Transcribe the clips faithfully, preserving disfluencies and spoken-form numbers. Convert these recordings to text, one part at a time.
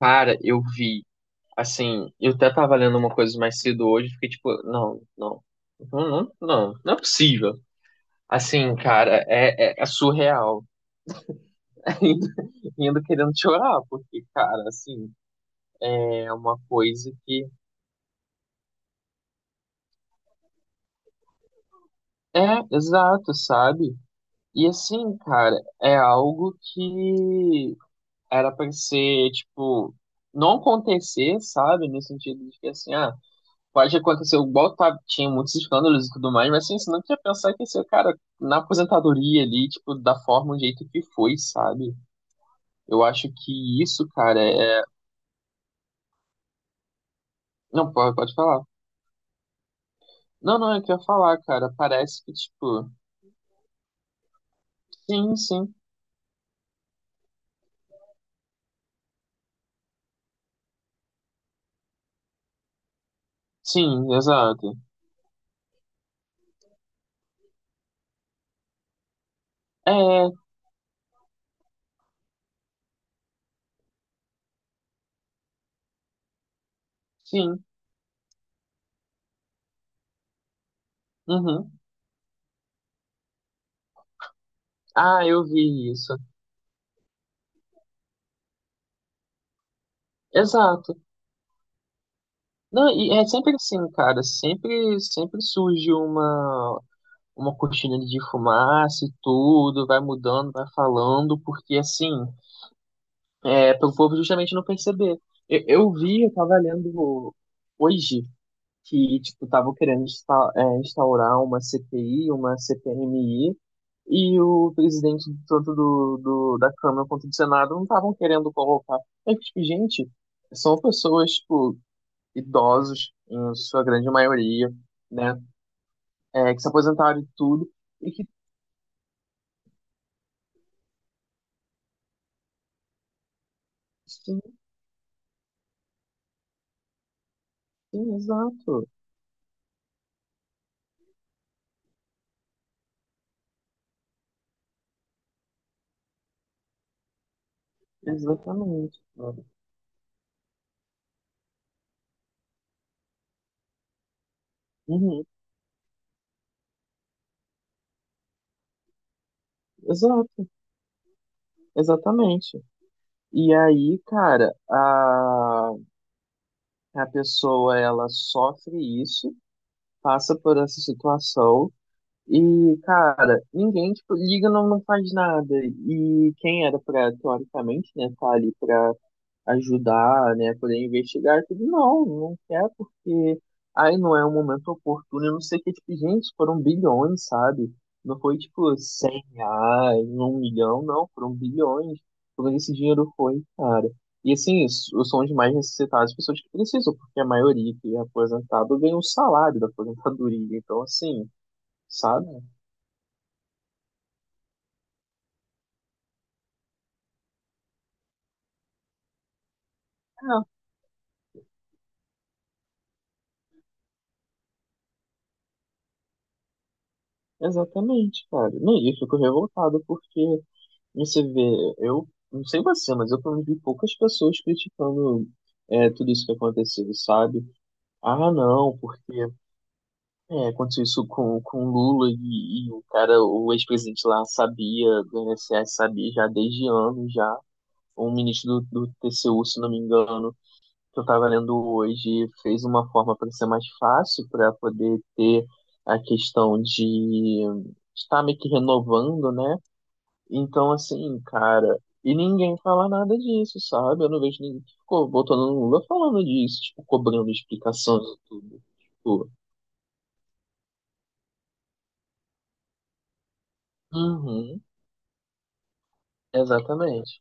Cara, eu vi. Assim, eu até tava lendo uma coisa mais cedo hoje, fiquei tipo, não, não, não, não, não, não é possível. Assim, cara, é, é, é surreal. Ainda, ainda querendo chorar, porque, cara, assim, é uma coisa que. É, exato, sabe? E assim, cara, é algo que era pra ser, tipo, não acontecer, sabe? No sentido de que, assim, ah. pode acontecer, igual tá, tinha muitos escândalos e tudo mais, mas assim, você não tinha pensar que esse cara, na aposentadoria ali, tipo, da forma, o jeito que foi, sabe? Eu acho que isso, cara, é. Não, pode, pode falar. Não, não, eu queria falar, cara. Parece que, tipo, sim, sim, sim, exato. É, sim, uhum. Ah, eu vi isso. Exato. Não, e é sempre assim, cara. Sempre, sempre surge uma, uma cortina de fumaça e tudo, vai mudando, vai falando, porque assim, é para o povo justamente não perceber. Eu, eu vi, eu tava lendo hoje que tipo estavam querendo insta- é, instaurar uma C P I, uma C P M I, e o presidente tanto do, do da Câmara quanto do Senado não estavam querendo colocar. É que, tipo, gente, são pessoas tipo idosos em sua grande maioria, né, é, que se aposentaram e tudo e que. Sim, exato. Exatamente, cara. Uhum, exato, exatamente. E aí, cara, a, a pessoa, ela sofre isso, passa por essa situação, e, cara, ninguém, tipo, liga, não, não faz nada. E quem era pra, teoricamente, né, tá ali pra ajudar, né, poder investigar e tudo. Não, não quer porque aí não é um momento oportuno, eu não sei o que, tipo, gente, foram bilhões, sabe? Não foi, tipo, cem reais, um milhão, não, foram bilhões. Todo esse dinheiro foi, cara. E assim, os os são os mais necessitados, as pessoas que precisam, porque a maioria que é aposentado ganha o salário da aposentadoria. Então, assim, sabe? É, exatamente, cara. Não, e eu fico revoltado porque você vê, eu não sei você, mas eu convivi poucas pessoas criticando é, tudo isso que aconteceu, sabe? Ah, não, porque é, aconteceu isso com, com o Lula e, e o cara, o ex-presidente lá sabia, do INSS sabia já desde anos já. Um ministro do, do T C U, se não me engano, que eu estava lendo hoje, fez uma forma para ser mais fácil, para poder ter a questão de estar meio que renovando, né? Então, assim, cara, e ninguém fala nada disso, sabe? Eu não vejo ninguém que ficou botando no Lula falando disso, tipo, cobrando explicações e tudo. Tipo, uhum, exatamente.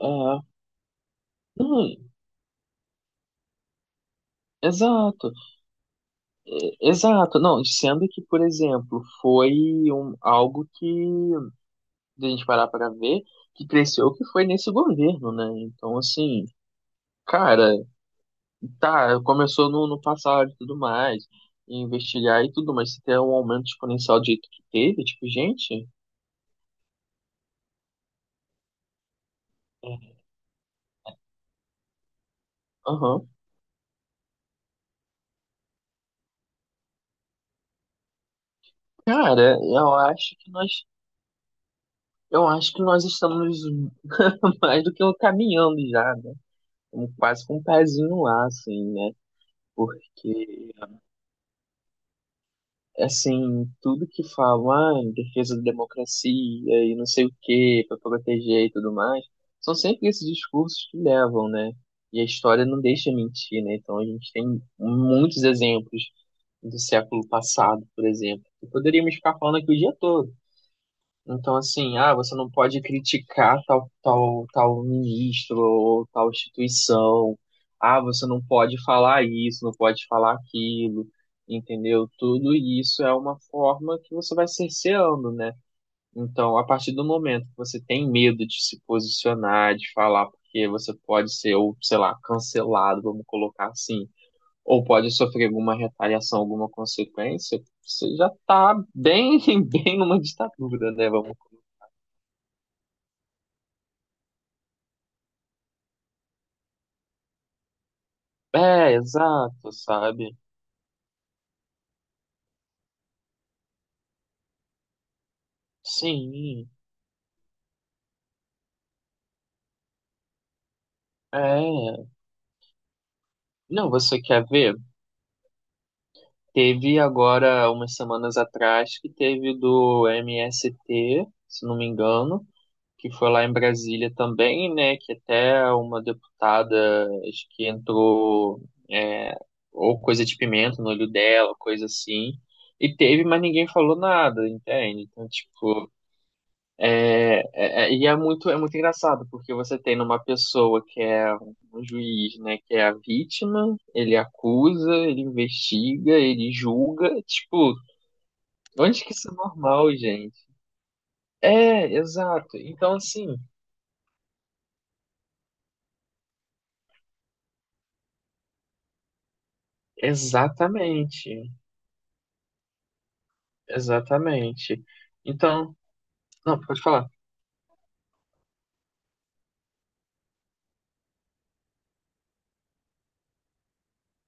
É, uhum, exato, é, exato. Não, sendo que, por exemplo, foi um, algo que, de a gente parar pra ver, que cresceu, que foi nesse governo, né? Então, assim, cara. Tá, começou no, no passado e tudo mais, e investigar e tudo, mas se tem um aumento exponencial do jeito que teve, tipo, gente, aham. Cara, eu acho que nós, eu acho que nós estamos mais do que caminhando já, né? Estamos quase com um pezinho lá, assim, né? Porque assim, tudo que falam, ah, em defesa da democracia e não sei o quê, para proteger e tudo mais, são sempre esses discursos que levam, né? E a história não deixa mentir, né? Então a gente tem muitos exemplos do século passado, por exemplo, que poderíamos ficar falando aqui o dia todo. Então, assim, ah, você não pode criticar tal, tal, tal ministro ou tal instituição. Ah, você não pode falar isso, não pode falar aquilo, entendeu? Tudo isso é uma forma que você vai cerceando, né? Então, a partir do momento que você tem medo de se posicionar, de falar, porque você pode ser, ou sei lá, cancelado, vamos colocar assim, ou pode sofrer alguma retaliação, alguma consequência, você já tá bem, bem numa ditadura, né? Vamos. É, exato, sabe? Sim, é. Não, você quer ver? Teve agora, umas semanas atrás, que teve do M S T, se não me engano, que foi lá em Brasília também, né? Que até uma deputada, acho que entrou, é, ou coisa de pimenta no olho dela, coisa assim. E teve, mas ninguém falou nada, entende? Então, tipo. É, é- e é muito, é muito engraçado, porque você tem numa pessoa que é um juiz, né, que é a vítima, ele acusa, ele investiga, ele julga, tipo, onde que isso é normal, gente? É, exato. Então, assim, exatamente, exatamente. Então, não, pode falar.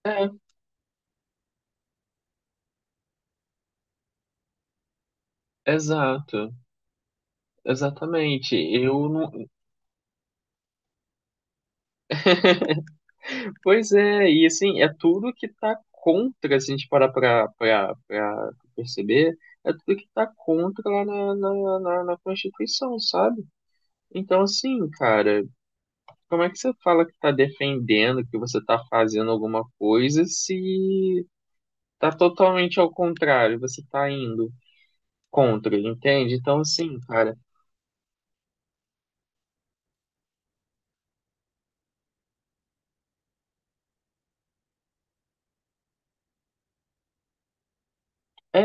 É, exato, exatamente. Eu não, pois é, e assim, é tudo que tá contra, se a gente parar pra, pra, pra perceber, é tudo que tá contra lá na, na, na, na Constituição, sabe? Então, assim, cara, como é que você fala que tá defendendo, que você tá fazendo alguma coisa, se tá totalmente ao contrário, você tá indo contra, entende? Então, assim, cara, é,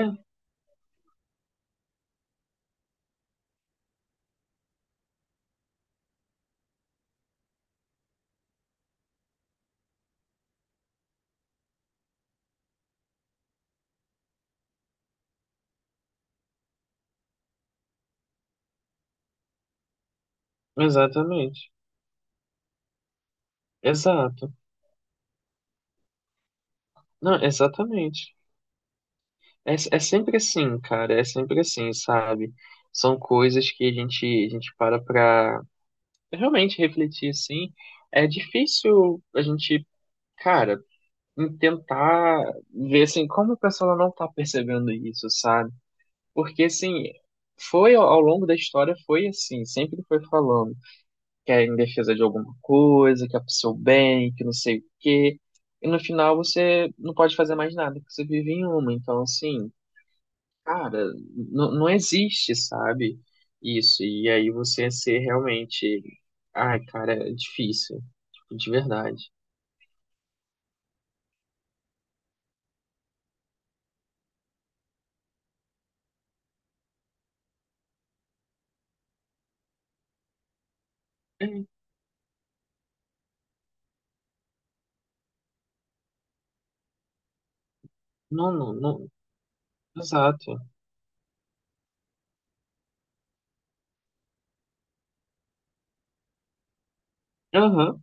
exatamente, exato, não, exatamente. É, é sempre assim, cara, é sempre assim, sabe? São coisas que a gente, a gente para pra realmente refletir, assim. É difícil a gente, cara, tentar ver, assim, como a pessoa não tá percebendo isso, sabe? Porque, assim, foi ao ao longo da história, foi assim, sempre foi falando que é em defesa de alguma coisa, que é pro seu bem, que não sei o quê. E no final você não pode fazer mais nada, porque você vive em uma. Então, assim, cara, não, não existe, sabe? Isso. E aí você ser realmente. Ai, cara, é difícil. Tipo, de verdade. É, não, não, não. Exato. Aham,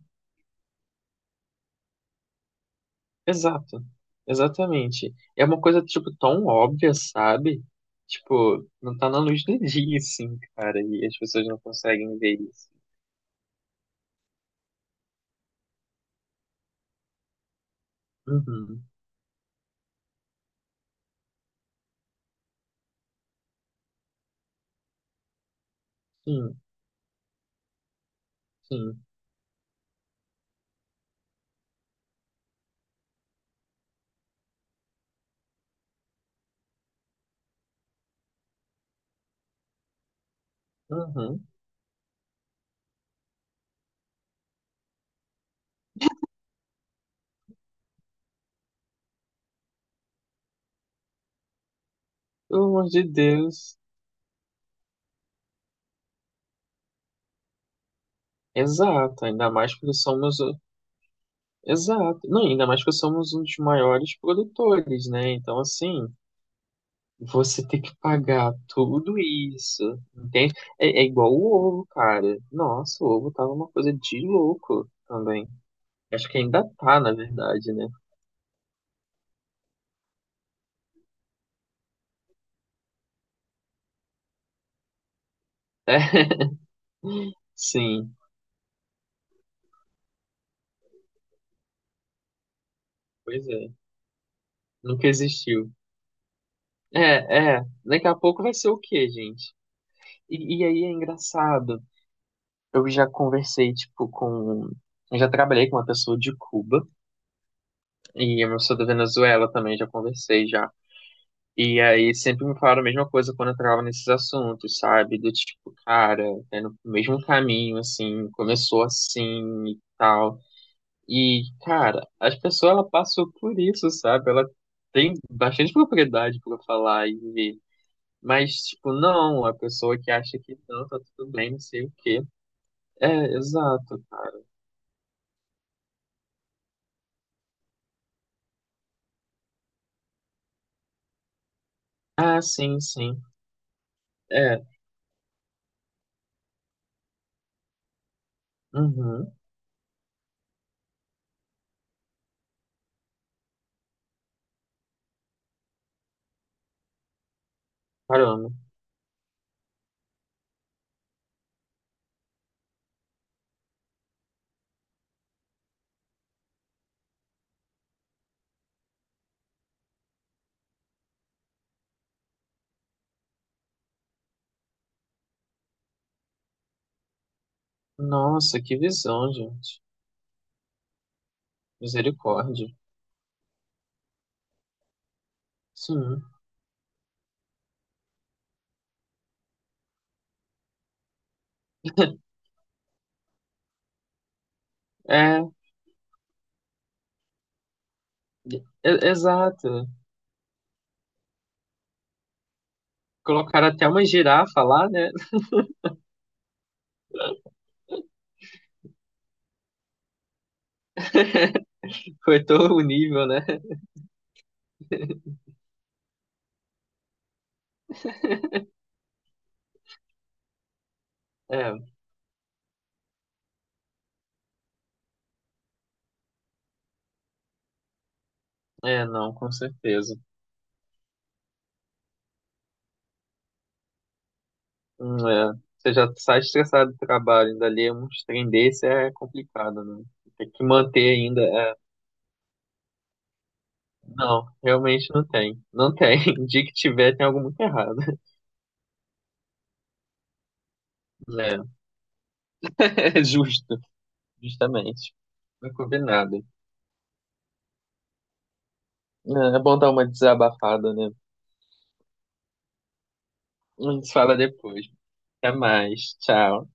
exato. Exatamente. É uma coisa, tipo, tão óbvia, sabe? Tipo, não tá na luz do dia, assim, cara. E as pessoas não conseguem ver isso. Uhum. Sim, sim. Uhum. Pelo amor de Deus. Exato. Ainda mais porque somos. Exato. Não, ainda mais que somos um dos maiores produtores, né? Então, assim, você tem que pagar tudo isso, entende? É, é igual o ovo, cara. Nossa, o ovo tava uma coisa de louco também. Acho que ainda tá, na verdade, né? É, sim, pois é. Nunca existiu. É, é. Daqui a pouco vai ser o quê, gente? E, e aí é engraçado. Eu já conversei, tipo, com. Eu já trabalhei com uma pessoa de Cuba. E eu sou da Venezuela também, já conversei já. E aí sempre me falaram a mesma coisa quando eu entrava nesses assuntos, sabe? Do tipo, cara, é no mesmo caminho, assim, começou assim e tal. E, cara, as pessoas, ela passou por isso, sabe? Ela tem bastante propriedade para falar e ver. Mas, tipo, não, a pessoa que acha que não, tá tudo bem, não sei o quê. É, exato. Ah, sim, sim. É, uhum, caramba. Nossa, que visão, gente. Misericórdia. Sim. É, e- exato. Colocaram até uma girafa lá, né? Foi todo o nível, né? É, é, não, com certeza. Hum, é. Você já sai estressado do trabalho, ainda ali uns trem desse é complicado, né? Tem que manter ainda. É. Não, realmente não tem. Não tem. O dia que tiver, tem algo muito errado. É, é justo, justamente. Não, combinado. É é bom dar uma desabafada, né? A gente fala depois. Até mais. Tchau.